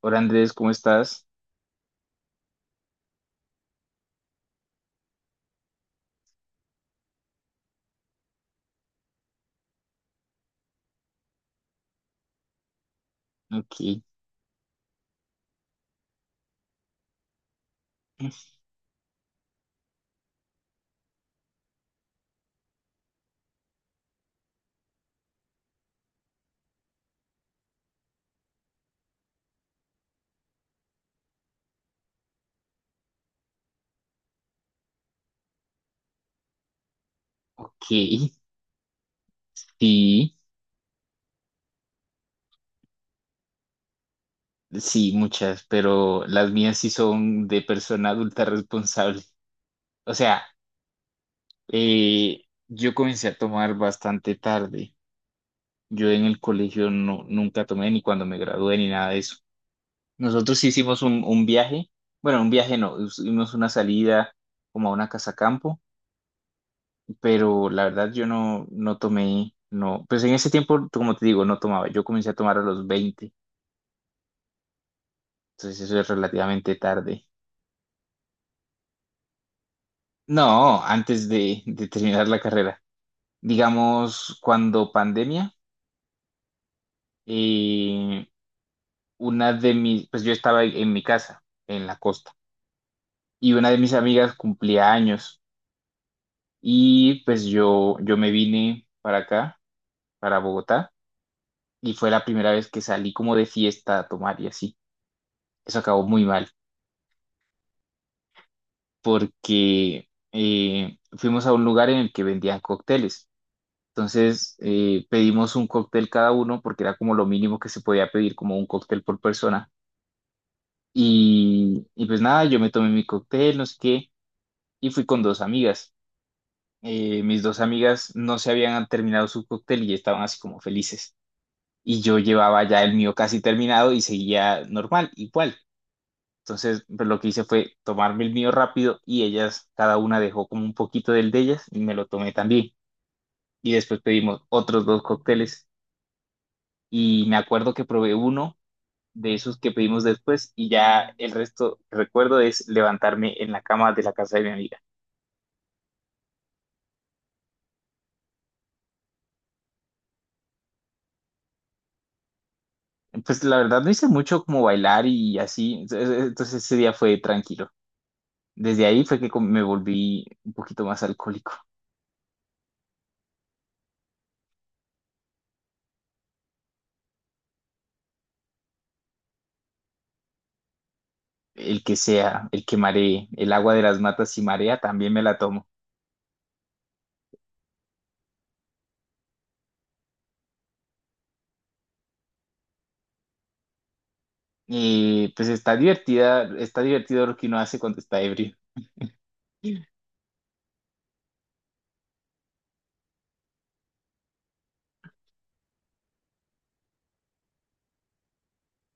Hola Andrés, ¿cómo estás? Ok, ok, sí, sí, muchas, pero las mías sí son de persona adulta responsable. O sea, yo comencé a tomar bastante tarde. Yo en el colegio no, nunca tomé ni cuando me gradué ni nada de eso. Nosotros sí hicimos un, viaje, bueno, un viaje no, hicimos una salida como a una casa campo, pero la verdad yo no, no tomé, no, pues en ese tiempo, como te digo, no tomaba. Yo comencé a tomar a los 20. Entonces eso es relativamente tarde. No, antes de, terminar la carrera. Digamos, cuando pandemia, eh, pues yo estaba en mi casa, en la costa, y una de mis amigas cumplía años y pues yo me vine para acá, para Bogotá, y fue la primera vez que salí como de fiesta a tomar y así. Eso acabó muy mal porque fuimos a un lugar en el que vendían cócteles. Entonces pedimos un cóctel cada uno porque era como lo mínimo que se podía pedir, como un cóctel por persona. Y pues nada, yo me tomé mi cóctel, no sé qué, y fui con dos amigas. Mis dos amigas no se habían terminado su cóctel y estaban así como felices. Y yo llevaba ya el mío casi terminado y seguía normal, igual. Entonces pues lo que hice fue tomarme el mío rápido y ellas, cada una dejó como un poquito del de ellas y me lo tomé también. Y después pedimos otros dos cócteles y me acuerdo que probé uno de esos que pedimos después y ya el resto, recuerdo, es levantarme en la cama de la casa de mi amiga. Pues la verdad no hice mucho como bailar y así, entonces ese día fue tranquilo. Desde ahí fue que me volví un poquito más alcohólico. El que sea, el que maree, el agua de las matas si marea, también me la tomo. Y pues está divertida, está divertido lo que uno hace cuando está ebrio.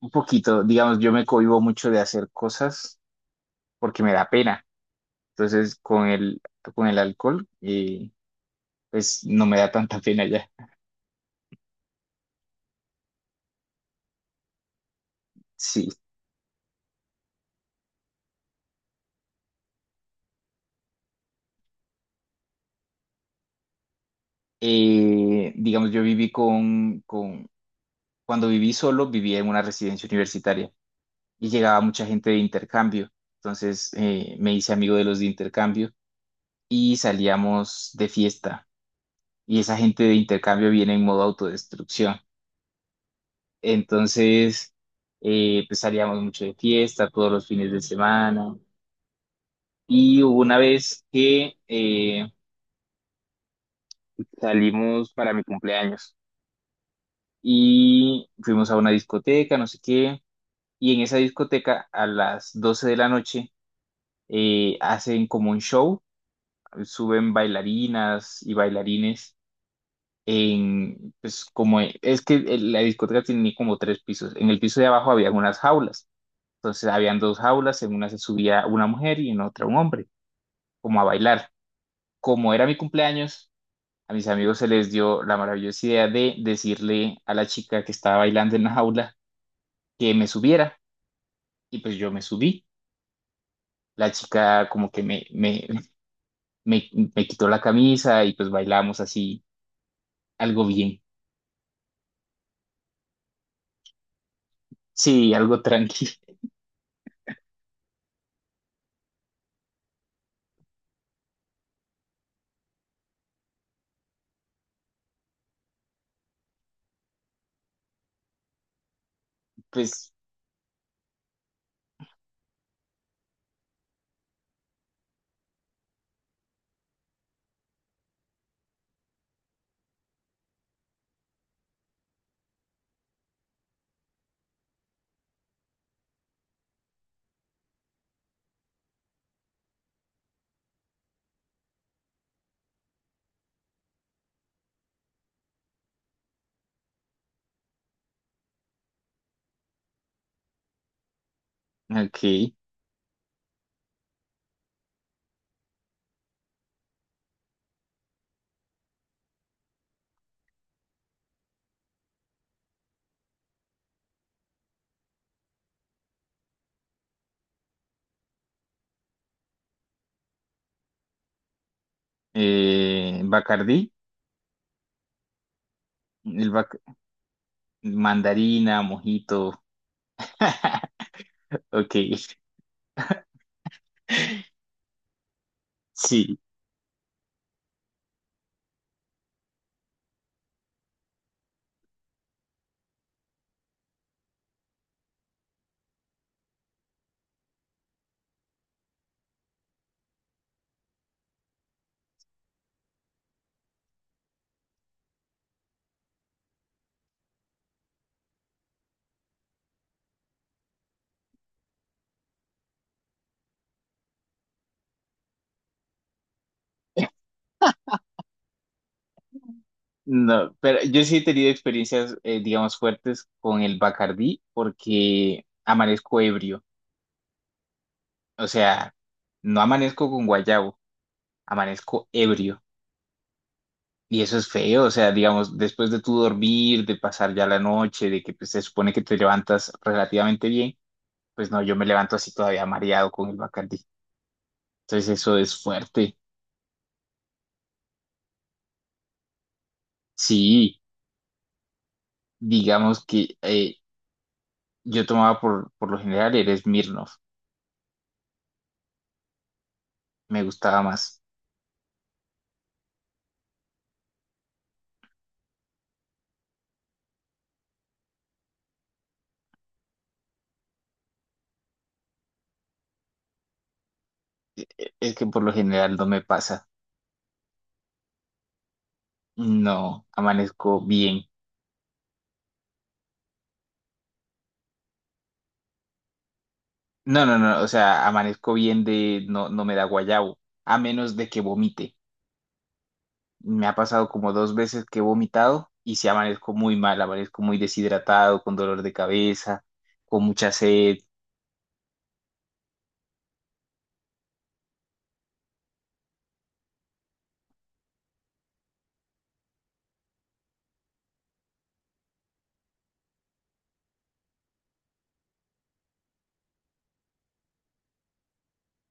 Un poquito, digamos, yo me cohíbo mucho de hacer cosas porque me da pena. Entonces, con el, alcohol, pues no me da tanta pena ya. Sí. Digamos, yo viví cuando viví solo, vivía en una residencia universitaria y llegaba mucha gente de intercambio. Entonces me hice amigo de los de intercambio y salíamos de fiesta. Y esa gente de intercambio viene en modo autodestrucción. Entonces, pues salíamos mucho de fiesta todos los fines de semana. Y hubo una vez que salimos para mi cumpleaños. Y fuimos a una discoteca, no sé qué, y en esa discoteca a las 12 de la noche hacen como un show, suben bailarinas y bailarines pues como es que la discoteca tenía como tres pisos, en el piso de abajo había unas jaulas, entonces habían dos jaulas, en una se subía una mujer y en otra un hombre, como a bailar. Como era mi cumpleaños, a mis amigos se les dio la maravillosa idea de decirle a la chica que estaba bailando en la jaula que me subiera. Y pues yo me subí. La chica como que me, me, me, me, quitó la camisa y pues bailamos así, algo bien. Sí, algo tranqui. Pues, ok. Bacardí, el bac- mandarina, mojito. Ok. Sí. No, pero yo sí he tenido experiencias, digamos, fuertes con el Bacardí porque amanezco ebrio. O sea, no amanezco con guayabo, amanezco ebrio. Y eso es feo, o sea, digamos, después de tu dormir, de pasar ya la noche, de que pues, se supone que te levantas relativamente bien, pues no, yo me levanto así todavía mareado con el Bacardi. Entonces eso es fuerte. Sí, digamos que yo tomaba por lo general el Smirnoff, me gustaba más. Es que por lo general no me pasa. No, amanezco bien. No, no, no, o sea, amanezco bien no, no me da guayabo, a menos de que vomite. Me ha pasado como dos veces que he vomitado y si amanezco muy mal, amanezco muy deshidratado, con dolor de cabeza, con mucha sed.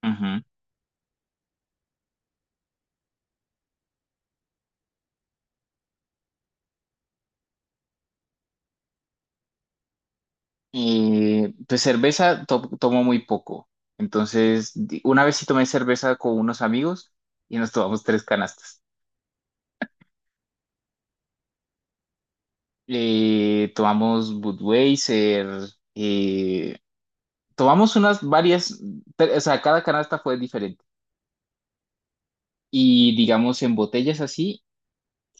Ujú. Y pues cerveza tomo muy poco. Entonces, una vez sí tomé cerveza con unos amigos y nos tomamos tres canastas. Tomamos Budweiser, eh, tomamos unas varias, o sea, cada canasta fue diferente. Y digamos en botellas así,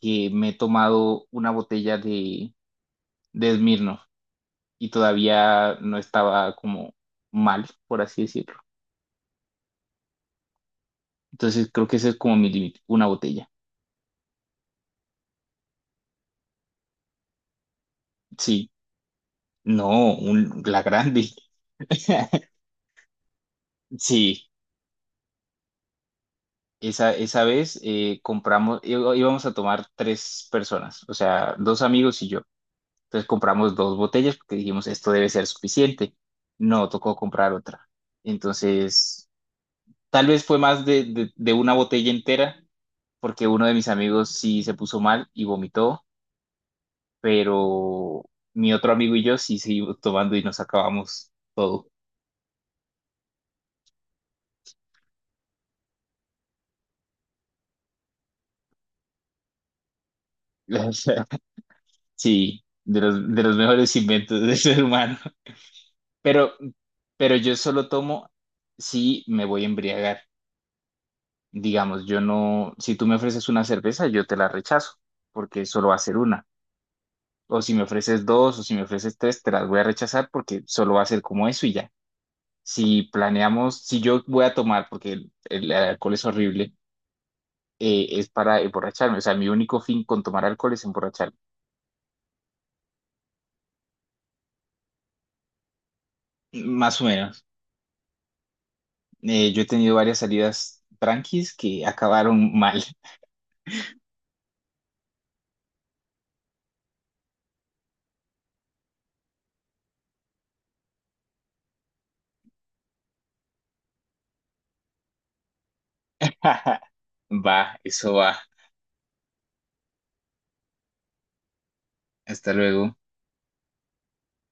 que me he tomado una botella de Smirnoff y todavía no estaba como mal, por así decirlo. Entonces creo que ese es como mi límite, una botella. Sí, no, la grande. Sí, esa vez íbamos a tomar tres personas, o sea, dos amigos y yo. Entonces compramos dos botellas porque dijimos, esto debe ser suficiente. No, tocó comprar otra. Entonces, tal vez fue más de una botella entera porque uno de mis amigos sí se puso mal y vomitó. Pero mi otro amigo y yo sí seguimos tomando y nos acabamos todo. O sea, sí, de los mejores inventos del ser humano. Pero, pero yo solo tomo si me voy a embriagar. Digamos, yo no, si tú me ofreces una cerveza, yo te la rechazo, porque solo va a ser una. O si me ofreces dos, o si me ofreces tres, te las voy a rechazar porque solo va a ser como eso y ya. Si planeamos, si yo voy a tomar, porque el alcohol es horrible, es para emborracharme. O sea, mi único fin con tomar alcohol es emborracharme. Más o menos. Yo he tenido varias salidas tranquis que acabaron mal. Va, eso va. Hasta luego.